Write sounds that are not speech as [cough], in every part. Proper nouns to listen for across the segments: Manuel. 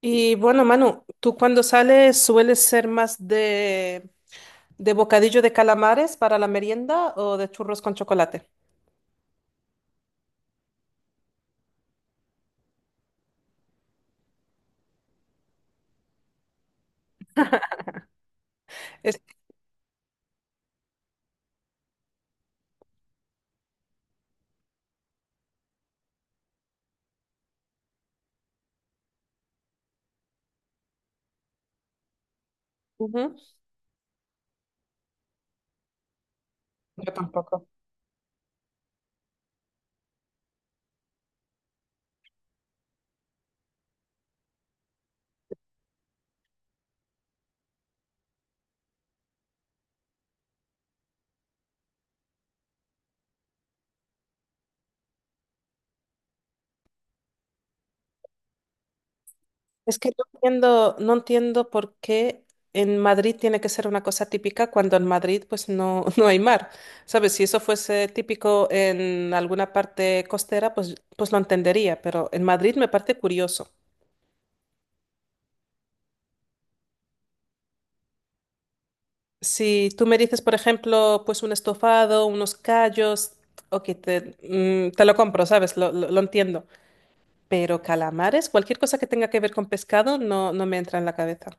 Y bueno, Manu, ¿tú cuando sales sueles ser más de bocadillo de calamares para la merienda o de churros con chocolate? Es, ujú. Yo tampoco. Es que no entiendo, no entiendo por qué en Madrid tiene que ser una cosa típica cuando en Madrid pues no, [laughs] no hay mar. ¿Sabes? Si eso fuese típico en alguna parte costera, pues, pues lo entendería, pero en Madrid me parece curioso. Si tú me dices, por ejemplo, pues un estofado, unos callos, ok, te, te lo compro, ¿sabes? Lo entiendo. Pero calamares, cualquier cosa que tenga que ver con pescado, no, no me entra en la cabeza.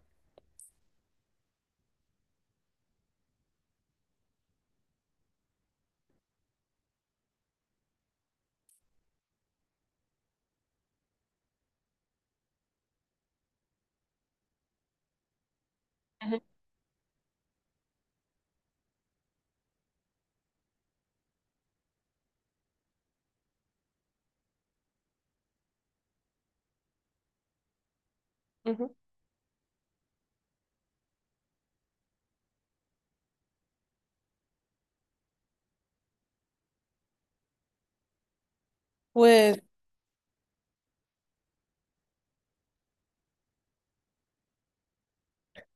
Ujú, ujú. Pues,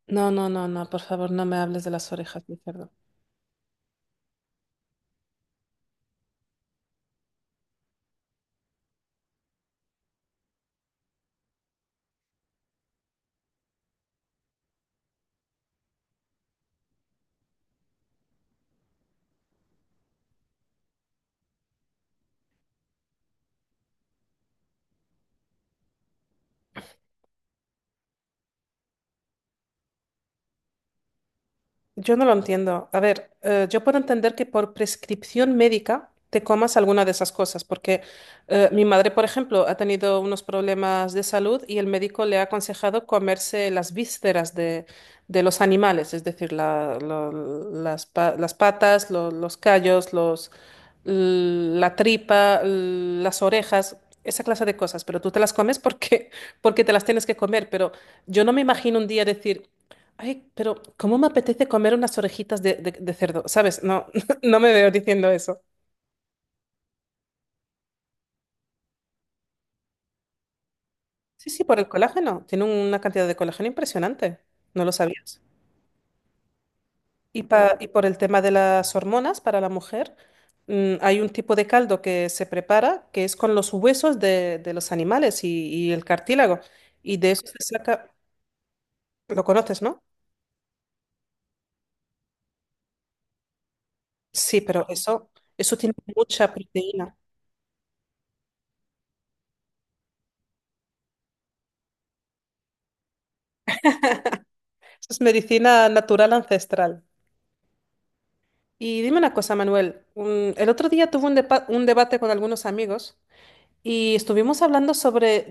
no, no, no, no, por favor, no me hables de las orejas de cerdo. Yo no lo entiendo. A ver, yo puedo entender que por prescripción médica te comas alguna de esas cosas, porque mi madre, por ejemplo, ha tenido unos problemas de salud y el médico le ha aconsejado comerse las vísceras de los animales, es decir, las patas, los callos, los, la tripa, las orejas. Esa clase de cosas, pero tú te las comes porque, [laughs] porque te las tienes que comer, pero yo no me imagino un día decir, ay, pero ¿cómo me apetece comer unas orejitas de cerdo? ¿Sabes? No, [laughs] no me veo diciendo eso. Sí, sí, por el colágeno. Tiene una cantidad de colágeno impresionante. ¿No lo sabías? Y, y por el tema de las hormonas para la mujer, mm, hay un tipo de caldo que se prepara que es con los huesos de los animales y el cartílago. Y de eso se saca, lo conoces, ¿no? Sí, pero eso tiene mucha proteína. Eso es medicina natural ancestral. Y dime una cosa, Manuel. El otro día tuve un debate con algunos amigos y estuvimos hablando sobre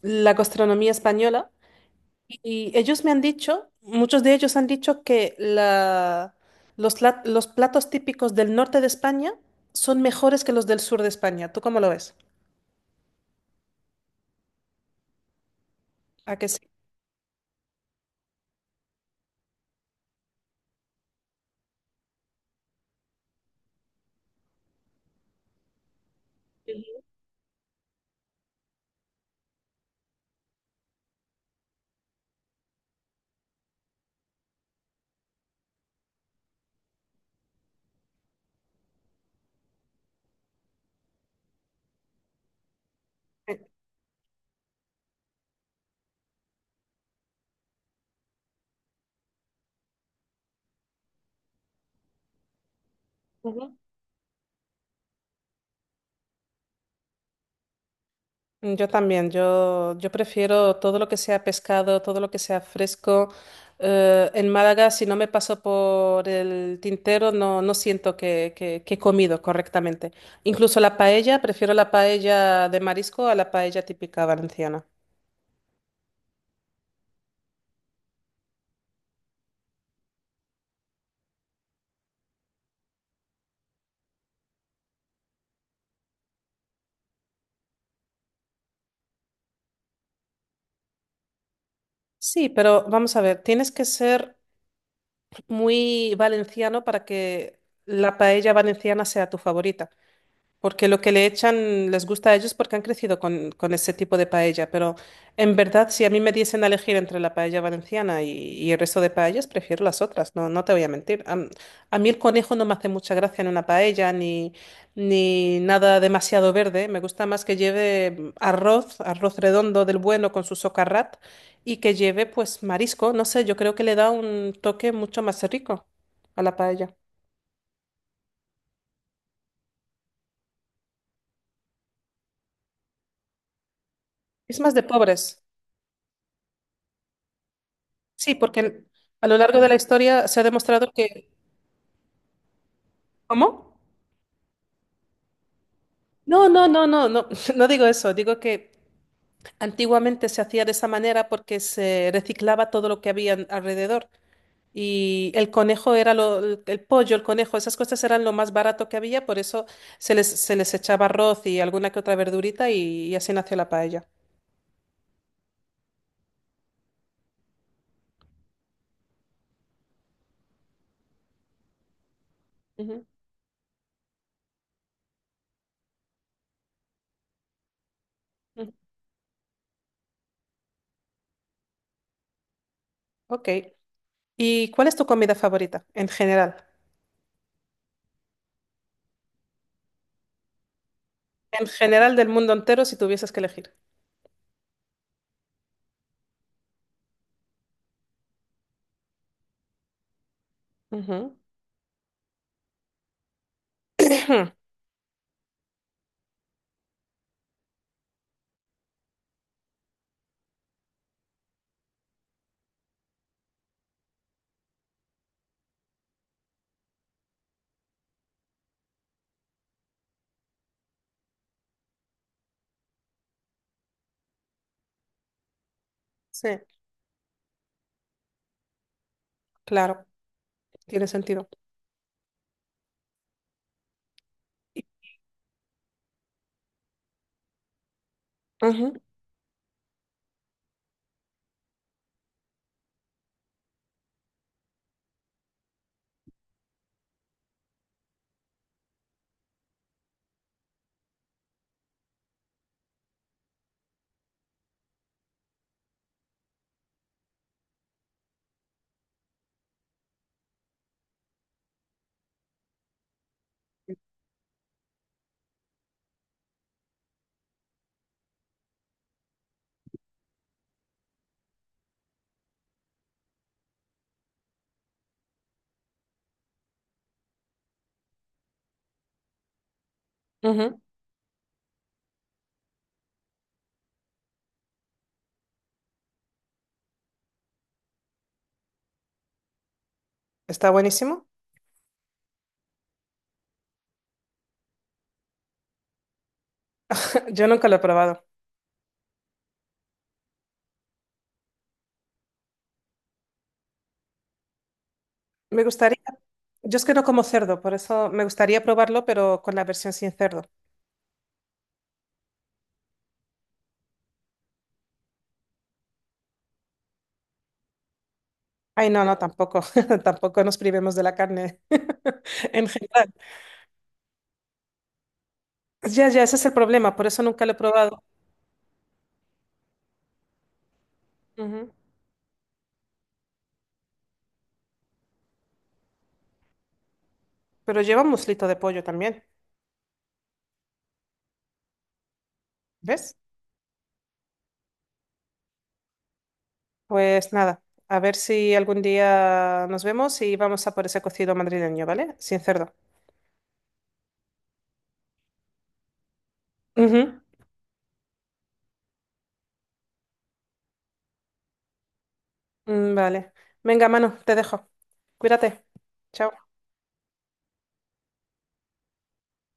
la gastronomía española y ellos me han dicho, muchos de ellos han dicho que los platos típicos del norte de España son mejores que los del sur de España. ¿Tú cómo lo ves? ¿A que sí? Mm, yo también, yo prefiero todo lo que sea pescado, todo lo que sea fresco. En Málaga, si no me paso por el tintero, no, no siento que he comido correctamente. Incluso la paella, prefiero la paella de marisco a la paella típica valenciana. Sí, pero vamos a ver, tienes que ser muy valenciano para que la paella valenciana sea tu favorita. Porque lo que le echan les gusta a ellos porque han crecido con ese tipo de paella. Pero en verdad, si a mí me diesen a elegir entre la paella valenciana y el resto de paellas, prefiero las otras. No, no te voy a mentir. A mí el conejo no me hace mucha gracia en una paella ni, ni nada demasiado verde. Me gusta más que lleve arroz, arroz redondo del bueno con su socarrat y que lleve pues marisco. No sé, yo creo que le da un toque mucho más rico a la paella. Es más de pobres. Sí, porque a lo largo de la historia se ha demostrado que... ¿Cómo? No, no, no, no, no, [laughs] no digo eso. Digo que antiguamente se hacía de esa manera porque se reciclaba todo lo que había alrededor. Y el conejo era lo, el pollo, el conejo, esas cosas eran lo más barato que había, por eso se les echaba arroz y alguna que otra verdurita y así nació la paella. Ujú, ujú. Ok. ¿Y cuál es tu comida favorita en general? En general del mundo entero, si tuvieses que elegir. Ujú. [clears throat] Sí. Claro, tiene sentido. Ujú, ujú. Está buenísimo. [laughs] Yo nunca lo he probado. Me gustaría, yo es que no como cerdo, por eso me gustaría probarlo, pero con la versión sin cerdo. Ay, no, no, tampoco, [laughs] tampoco nos privemos de la carne [laughs] en general. Ya, ya, ese es el problema, por eso nunca lo he probado. Ujú. Pero lleva un muslito de pollo también, ¿ves? Pues nada, a ver si algún día nos vemos y vamos a por ese cocido madrileño, ¿vale? Sin cerdo. Ujú. Mm, vale. Venga, Manu, te dejo. Cuídate. Chao.